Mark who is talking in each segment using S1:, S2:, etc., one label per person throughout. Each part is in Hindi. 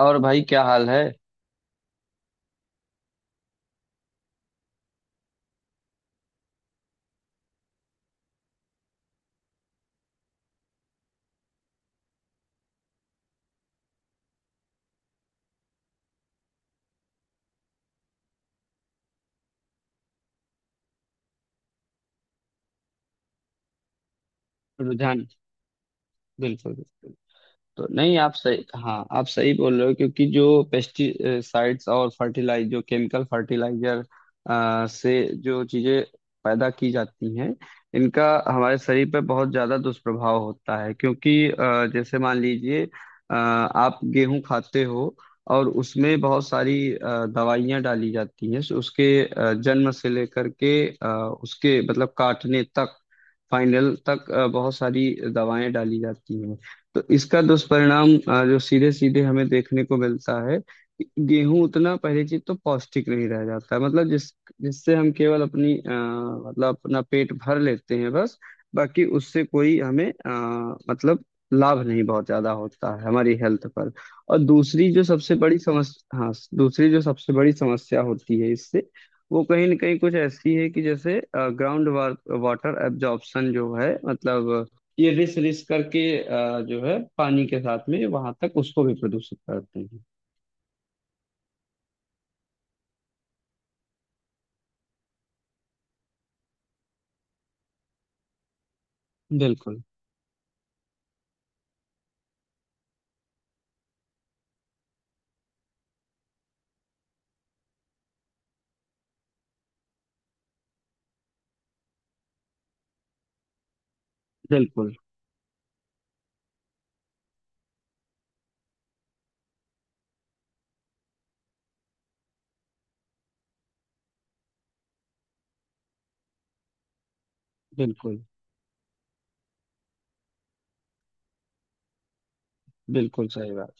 S1: और भाई क्या हाल है? रुझान। बिल्कुल बिल्कुल। तो नहीं, आप सही, हाँ, आप सही बोल रहे हो क्योंकि जो पेस्टिसाइड्स और फर्टिलाइज जो केमिकल फर्टिलाइजर से जो चीजें पैदा की जाती हैं, इनका हमारे शरीर पर बहुत ज्यादा दुष्प्रभाव होता है, क्योंकि जैसे मान लीजिए आप गेहूं खाते हो और उसमें बहुत सारी दवाइयां डाली जाती हैं। सो उसके जन्म से लेकर के उसके मतलब काटने तक, फाइनल तक बहुत सारी दवाएं डाली जाती हैं। तो इसका दुष्परिणाम जो सीधे सीधे हमें देखने को मिलता है, गेहूं उतना पहली चीज तो पौष्टिक नहीं रह जाता है, मतलब जिससे हम केवल अपनी मतलब अपना पेट भर लेते हैं बस। बाकी उससे कोई हमें मतलब लाभ नहीं बहुत ज्यादा होता है हमारी हेल्थ पर। और दूसरी जो सबसे बड़ी समस्या, हाँ। दूसरी जो सबसे बड़ी समस्या होती है इससे, वो कहीं ना कहीं कुछ ऐसी है कि जैसे ग्राउंड वाटर एब्जॉर्प्शन जो है, मतलब ये रिस रिस करके जो है पानी के साथ में वहां तक उसको भी प्रदूषित करते हैं। बिल्कुल बिल्कुल। बिल्कुल। बिल्कुल सही बात।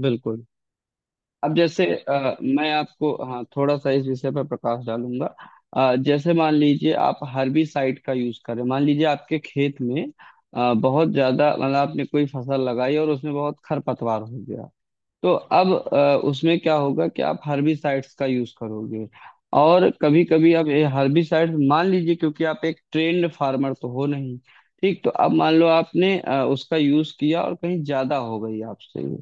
S1: बिल्कुल। अब जैसे मैं आपको, हाँ, थोड़ा सा इस विषय पर प्रकाश डालूंगा। जैसे मान लीजिए आप हर्बिसाइड का यूज करें, मान लीजिए आपके खेत में बहुत ज्यादा, मतलब आपने कोई फसल लगाई और उसमें बहुत खरपतवार हो गया। तो अब उसमें क्या होगा कि आप हर्बिसाइड्स का यूज करोगे, और कभी कभी आप ये हर्बिसाइड्स मान लीजिए, क्योंकि आप एक ट्रेन्ड फार्मर तो हो नहीं, ठीक? तो अब मान लो आपने उसका यूज किया और कहीं ज्यादा हो गई आपसे ये।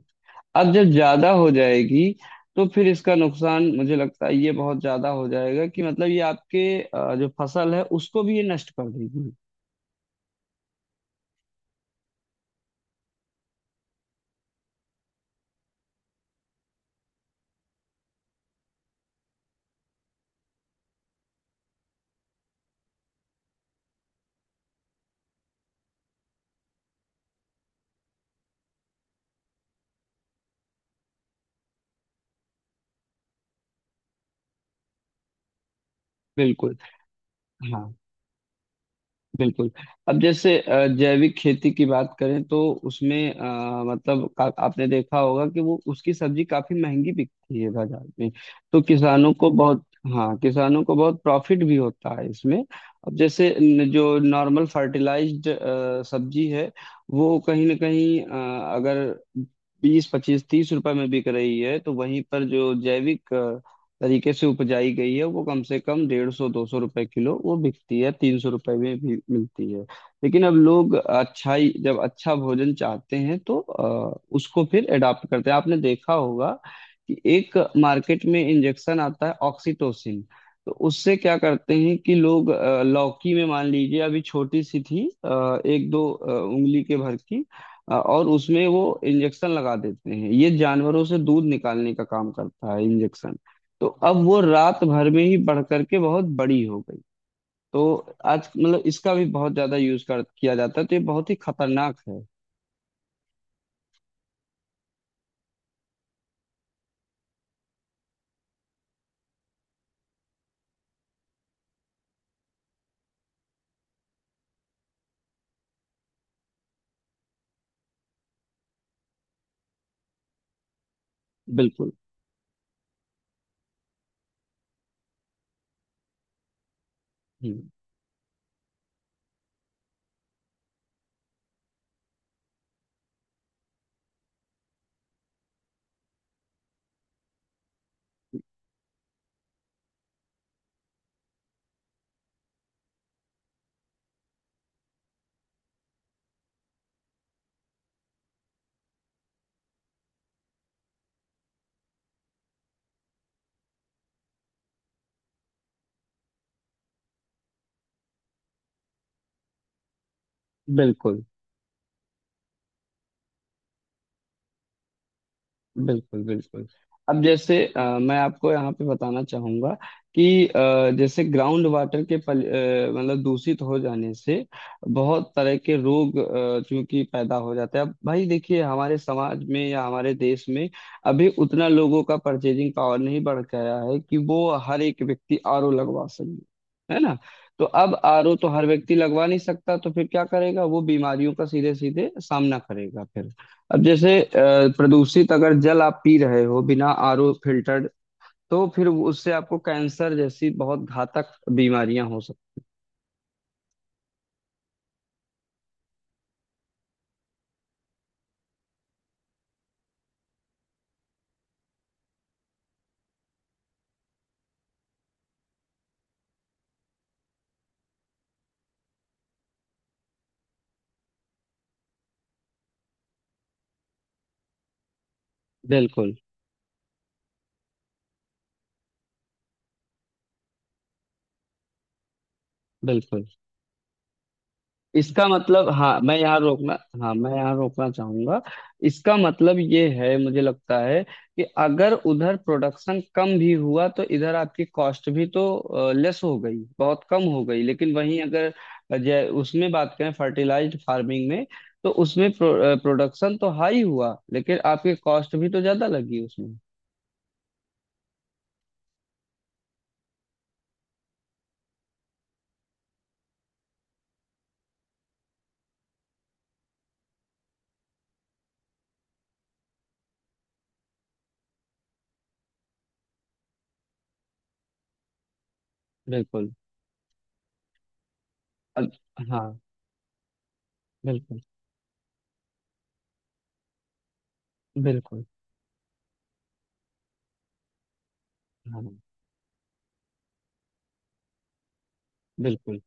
S1: अब जब ज्यादा हो जाएगी, तो फिर इसका नुकसान मुझे लगता है ये बहुत ज्यादा हो जाएगा कि मतलब ये आपके जो फसल है उसको भी ये नष्ट कर देगी। बिल्कुल। हाँ। बिल्कुल। अब जैसे जैविक खेती की बात करें तो उसमें मतलब का, आपने देखा होगा कि वो उसकी सब्जी काफी महंगी बिकती है बाजार में, तो किसानों को बहुत। हाँ, किसानों को बहुत प्रॉफिट भी होता है इसमें। अब जैसे जो नॉर्मल फर्टिलाइज्ड सब्जी है वो कहीं ना कहीं अगर बीस 25 30 रुपए में बिक रही है, तो वहीं पर जो जैविक तरीके से उपजाई गई है वो कम से कम 150 200 रुपए किलो वो बिकती है, 300 रुपए में भी मिलती है। लेकिन अब लोग अच्छाई, जब अच्छा भोजन चाहते हैं तो उसको फिर एडाप्ट करते हैं। आपने देखा होगा कि एक मार्केट में इंजेक्शन आता है ऑक्सीटोसिन। तो उससे क्या करते हैं कि लोग लौकी में, मान लीजिए अभी छोटी सी थी 1-2 उंगली के भर की, और उसमें वो इंजेक्शन लगा देते हैं, ये जानवरों से दूध निकालने का काम करता है इंजेक्शन। तो अब वो रात भर में ही बढ़ करके बहुत बड़ी हो गई। तो आज मतलब इसका भी बहुत ज्यादा यूज कर किया जाता है, तो ये बहुत ही खतरनाक है। बिल्कुल। हम्म। बिल्कुल बिल्कुल। बिल्कुल। अब जैसे मैं आपको यहाँ पे बताना चाहूंगा कि जैसे ग्राउंड वाटर के पल, मतलब दूषित हो जाने से बहुत तरह के रोग चूंकि पैदा हो जाते हैं। अब भाई देखिए, हमारे समाज में या हमारे देश में अभी उतना लोगों का परचेजिंग पावर नहीं बढ़ गया है कि वो हर एक व्यक्ति RO लगवा सके, है ना? तो अब RO तो हर व्यक्ति लगवा नहीं सकता, तो फिर क्या करेगा, वो बीमारियों का सीधे सीधे सामना करेगा फिर। अब जैसे प्रदूषित अगर जल आप पी रहे हो बिना RO फिल्टर्ड, तो फिर उससे आपको कैंसर जैसी बहुत घातक बीमारियां हो सकती। बिल्कुल। बिल्कुल। इसका मतलब, हाँ, मैं यहाँ रोकना। हाँ, मैं यहाँ रोकना चाहूंगा। इसका मतलब ये है, मुझे लगता है कि अगर उधर प्रोडक्शन कम भी हुआ तो इधर आपकी कॉस्ट भी तो लेस हो गई, बहुत कम हो गई, लेकिन वहीं अगर जै उसमें बात करें फर्टिलाइज्ड फार्मिंग में, तो उसमें प्रोडक्शन तो हाई हुआ लेकिन आपकी कॉस्ट भी तो ज्यादा लगी उसमें। बिल्कुल। हाँ। बिल्कुल। बिल्कुल। हाँ। बिल्कुल।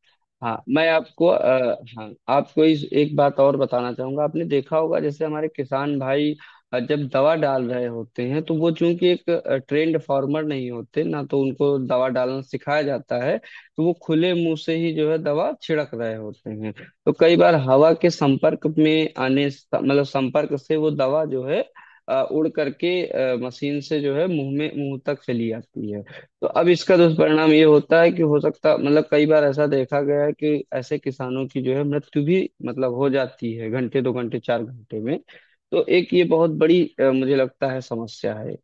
S1: हाँ, मैं आपको हाँ, आपको इस एक बात और बताना चाहूंगा। आपने देखा होगा जैसे हमारे किसान भाई जब दवा डाल रहे होते हैं, तो वो चूंकि एक ट्रेंड फार्मर नहीं होते ना, तो उनको दवा डालना सिखाया जाता है। तो वो खुले मुंह से ही जो है दवा छिड़क रहे होते हैं। तो कई बार हवा के संपर्क में आने मतलब संपर्क से वो दवा जो है उड़ करके मशीन से जो है मुंह में, मुंह तक चली आती है। तो अब इसका दुष्परिणाम ये होता है कि हो सकता मतलब, कई बार ऐसा देखा गया है कि ऐसे किसानों की जो है मृत्यु भी मतलब हो जाती है, घंटे, 2 घंटे, 4 घंटे में। तो एक ये बहुत बड़ी मुझे लगता है समस्या है।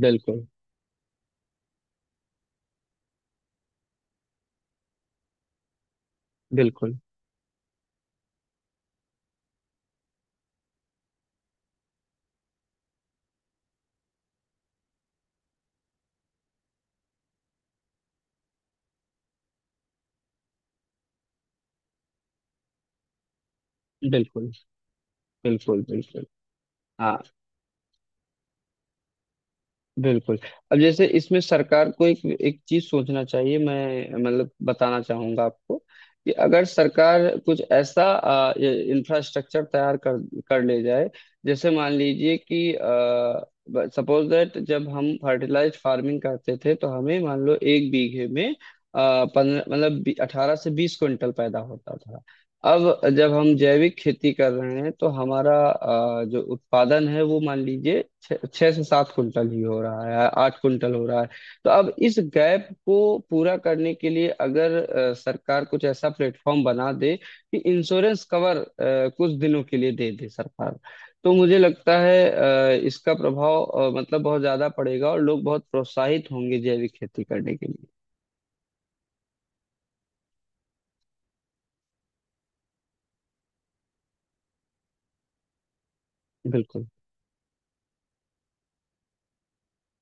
S1: बिल्कुल। बिल्कुल। बिल्कुल। बिल्कुल। बिल्कुल। हाँ। बिल्कुल। अब जैसे इसमें सरकार को एक एक चीज सोचना चाहिए, मैं मतलब बताना चाहूंगा आपको कि अगर सरकार कुछ ऐसा इंफ्रास्ट्रक्चर तैयार कर कर ले जाए। जैसे मान लीजिए कि, सपोज दैट, जब हम फर्टिलाइज्ड फार्मिंग करते थे तो हमें मान लो 1 बीघे में 15, मतलब 18 से 20 क्विंटल पैदा होता था। अब जब हम जैविक खेती कर रहे हैं तो हमारा जो उत्पादन है वो मान लीजिए छः छः से 7 कुंटल ही हो रहा है, 8 कुंटल हो रहा है। तो अब इस गैप को पूरा करने के लिए, अगर सरकार कुछ ऐसा प्लेटफॉर्म बना दे कि इंश्योरेंस कवर कुछ दिनों के लिए दे दे सरकार, तो मुझे लगता है इसका प्रभाव मतलब बहुत ज्यादा पड़ेगा और लोग बहुत प्रोत्साहित होंगे जैविक खेती करने के लिए। बिल्कुल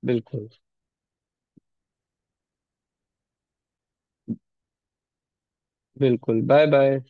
S1: बिल्कुल। बिल्कुल। Bye bye.